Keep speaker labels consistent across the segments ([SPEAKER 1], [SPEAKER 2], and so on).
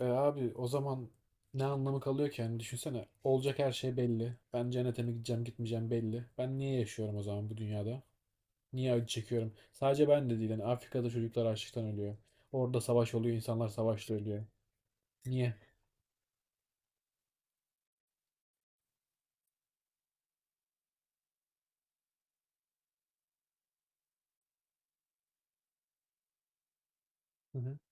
[SPEAKER 1] E abi o zaman ne anlamı kalıyor ki? Yani düşünsene, olacak her şey belli. Ben cennete mi gideceğim, gitmeyeceğim belli. Ben niye yaşıyorum o zaman bu dünyada? Niye acı çekiyorum? Sadece ben de değil. Yani Afrika'da çocuklar açlıktan ölüyor. Orada savaş oluyor. İnsanlar savaşta ölüyor. Niye?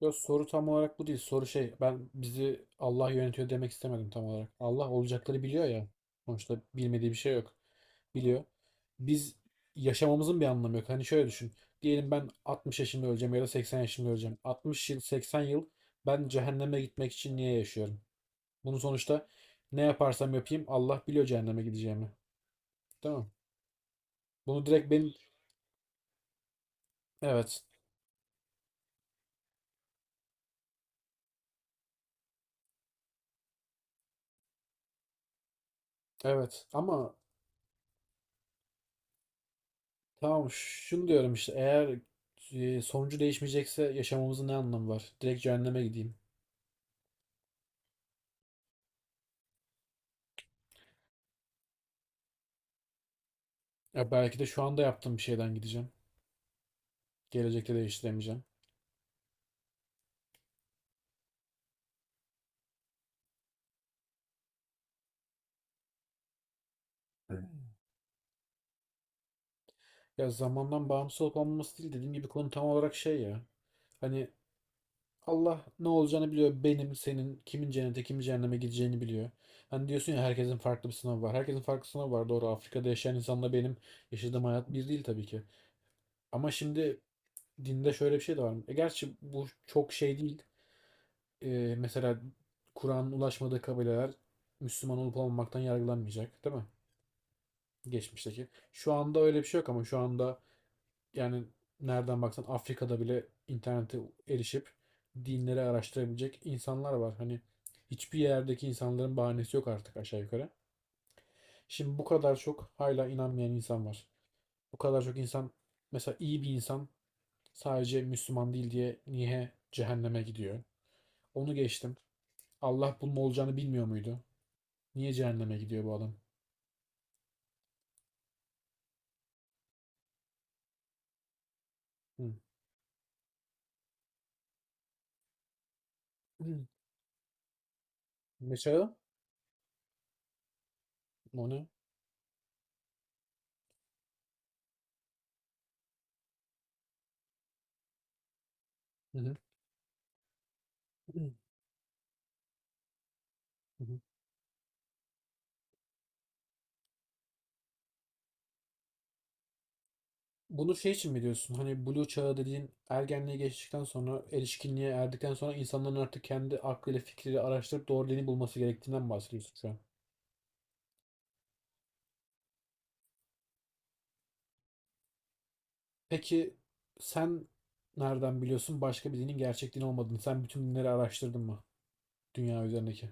[SPEAKER 1] Yok, soru tam olarak bu değil. Soru şey, ben bizi Allah yönetiyor demek istemedim tam olarak. Allah olacakları biliyor ya. Sonuçta bilmediği bir şey yok. Biliyor. Biz, yaşamamızın bir anlamı yok. Hani şöyle düşün. Diyelim ben 60 yaşında öleceğim ya da 80 yaşında öleceğim. 60 yıl, 80 yıl, ben cehenneme gitmek için niye yaşıyorum? Bunu sonuçta, ne yaparsam yapayım, Allah biliyor cehenneme gideceğimi. Değil mi? Bunu direkt benim... Evet. Evet. Tamam, şunu diyorum işte, eğer sonucu değişmeyecekse yaşamamızın ne anlamı var? Direkt cehenneme gideyim. Ya belki de şu anda yaptığım bir şeyden gideceğim. Gelecekte değiştiremeyeceğim. Evet. Ya zamandan bağımsız olup olmaması değil, dediğim gibi konu tam olarak şey ya. Hani Allah ne olacağını biliyor. Benim, senin, kimin cennete, kimin cehenneme gideceğini biliyor. Hani diyorsun ya, herkesin farklı bir sınavı var. Herkesin farklı sınavı var. Doğru, Afrika'da yaşayan insanla benim yaşadığım hayat bir değil tabii ki. Ama şimdi, dinde şöyle bir şey de var. E gerçi bu çok şey değil. Mesela Kur'an'ın ulaşmadığı kabileler Müslüman olup olmamaktan yargılanmayacak, değil mi? Geçmişteki. Şu anda öyle bir şey yok ama şu anda, yani nereden baksan Afrika'da bile internete erişip dinleri araştırabilecek insanlar var. Hani hiçbir yerdeki insanların bahanesi yok artık aşağı yukarı. Şimdi bu kadar çok hala inanmayan insan var. Bu kadar çok insan, mesela iyi bir insan, sadece Müslüman değil diye niye cehenneme gidiyor? Onu geçtim. Allah bunun olacağını bilmiyor muydu? Niye cehenneme gidiyor bu adam? Hı. Hı. Ne çağı? O ne? Hı hı. Hı hı. Bunu şey için mi diyorsun? Hani Blue çağı dediğin ergenliğe geçtikten sonra, erişkinliğe erdikten sonra, insanların artık kendi aklıyla fikriyle araştırıp doğru dini bulması gerektiğinden mi bahsediyorsun şu an? Peki, sen nereden biliyorsun başka bir dinin gerçek din olmadığını? Sen bütün dinleri araştırdın mı? Dünya üzerindeki.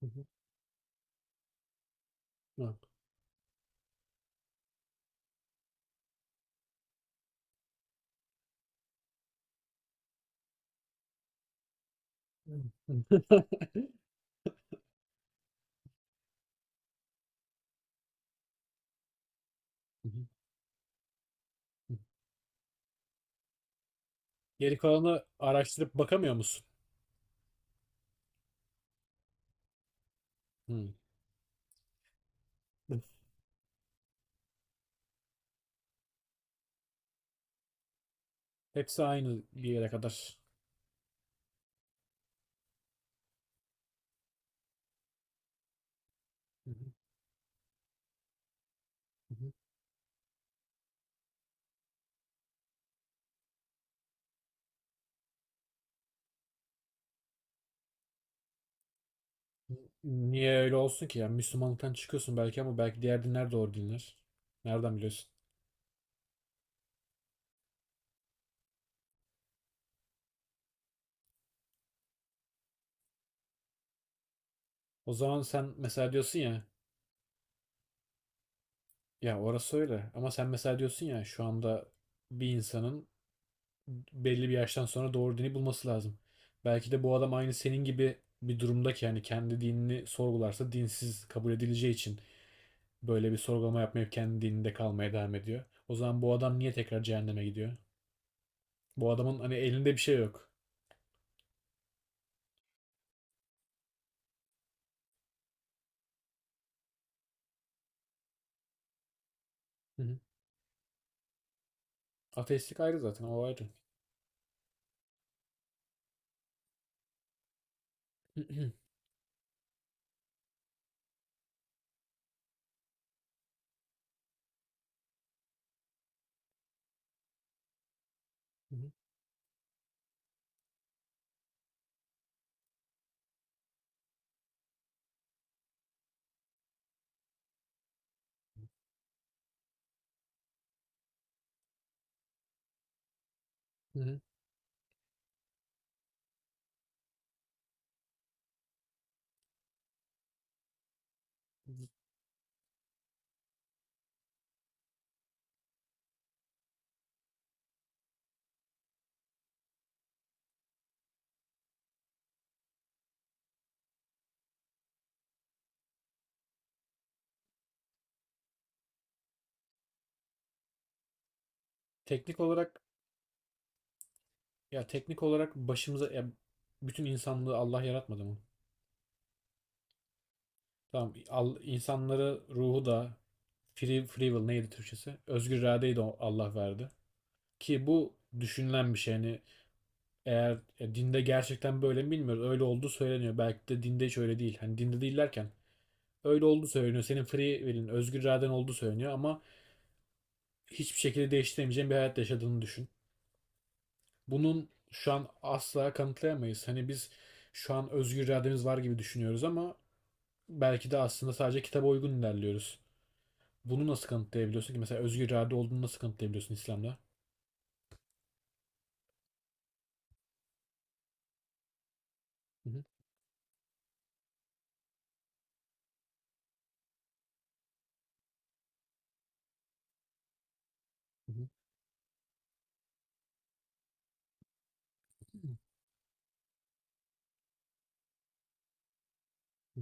[SPEAKER 1] Hı hı. Ha. Hı hı. Hı hı. Geri kalanı araştırıp bakamıyor musun? Hı. Hepsi aynı bir yere kadar. Hı hı. Niye öyle olsun ki? Yani Müslümanlıktan çıkıyorsun belki ama belki diğer dinler de doğru dinler. Nereden biliyorsun? O zaman sen mesela diyorsun ya, ya orası öyle. Ama sen mesela diyorsun ya, şu anda bir insanın belli bir yaştan sonra doğru dini bulması lazım. Belki de bu adam aynı senin gibi bir durumda ki, yani kendi dinini sorgularsa dinsiz kabul edileceği için böyle bir sorgulama yapmayıp kendi dininde kalmaya devam ediyor. O zaman bu adam niye tekrar cehenneme gidiyor? Bu adamın, hani elinde bir şey yok. Hı hı. Ateistlik ayrı, zaten o ayrı. Hı hı, hı hı, hı hı. Teknik olarak Teknik olarak, ya bütün insanlığı Allah yaratmadı mı? Tamam, al, insanları, ruhu da free will neydi Türkçesi? Özgür iradeyi de Allah verdi. Ki bu düşünülen bir şey. Hani eğer dinde gerçekten böyle mi bilmiyoruz. Öyle olduğu söyleniyor. Belki de dinde hiç öyle değil. Hani dinde değil derken, öyle olduğu söyleniyor. Senin free will'in, özgür iraden olduğu söyleniyor ama hiçbir şekilde değiştiremeyeceğin bir hayat yaşadığını düşün. Bunun şu an asla kanıtlayamayız. Hani biz şu an özgür irademiz var gibi düşünüyoruz ama belki de aslında sadece kitaba uygun ilerliyoruz. Bunu nasıl kanıtlayabiliyorsun ki? Mesela özgür irade olduğunu nasıl kanıtlayabiliyorsun İslam'da? Hı hı, hı hı, hı hı,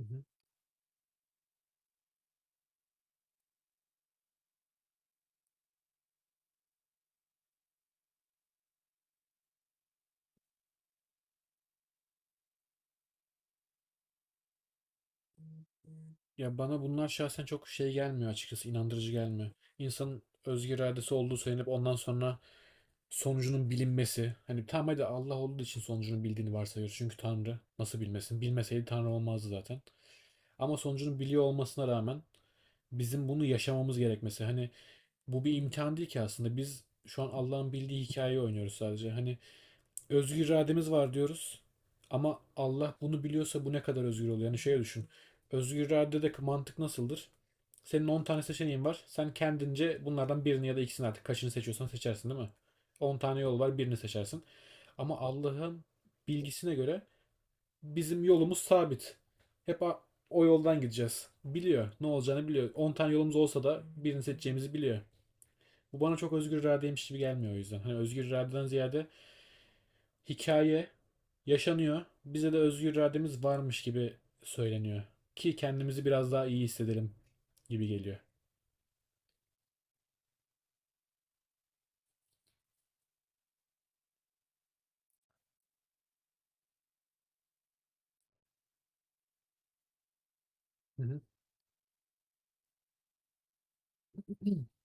[SPEAKER 1] hı hı. Ya, bana bunlar şahsen çok şey gelmiyor açıkçası, inandırıcı gelmiyor. İnsanın özgür iradesi olduğu söylenip ondan sonra sonucunun bilinmesi. Hani tamam, hadi Allah olduğu için sonucunu bildiğini varsayıyoruz. Çünkü Tanrı nasıl bilmesin? Bilmeseydi Tanrı olmazdı zaten. Ama sonucunu biliyor olmasına rağmen bizim bunu yaşamamız gerekmesi. Hani bu bir imtihan değil ki aslında. Biz şu an Allah'ın bildiği hikayeyi oynuyoruz sadece. Hani özgür irademiz var diyoruz. Ama Allah bunu biliyorsa bu ne kadar özgür oluyor? Yani şöyle düşün. Özgür iradedeki mantık nasıldır? Senin 10 tane seçeneğin var. Sen kendince bunlardan birini ya da ikisini, artık kaçını seçiyorsan seçersin değil mi? 10 tane yol var, birini seçersin. Ama Allah'ın bilgisine göre bizim yolumuz sabit. Hep o yoldan gideceğiz. Biliyor. Ne olacağını biliyor. 10 tane yolumuz olsa da birini seçeceğimizi biliyor. Bu bana çok özgür iradeymiş gibi gelmiyor o yüzden. Hani özgür iradeden ziyade hikaye yaşanıyor. Bize de özgür irademiz varmış gibi söyleniyor. Ki kendimizi biraz daha iyi hissedelim gibi geliyor. Hı hı.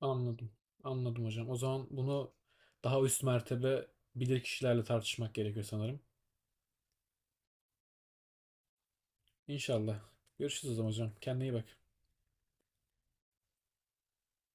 [SPEAKER 1] Anladım. Anladım hocam. O zaman bunu daha üst mertebe bilir kişilerle tartışmak gerekiyor sanırım. İnşallah. Görüşürüz o zaman hocam. Kendine iyi bak.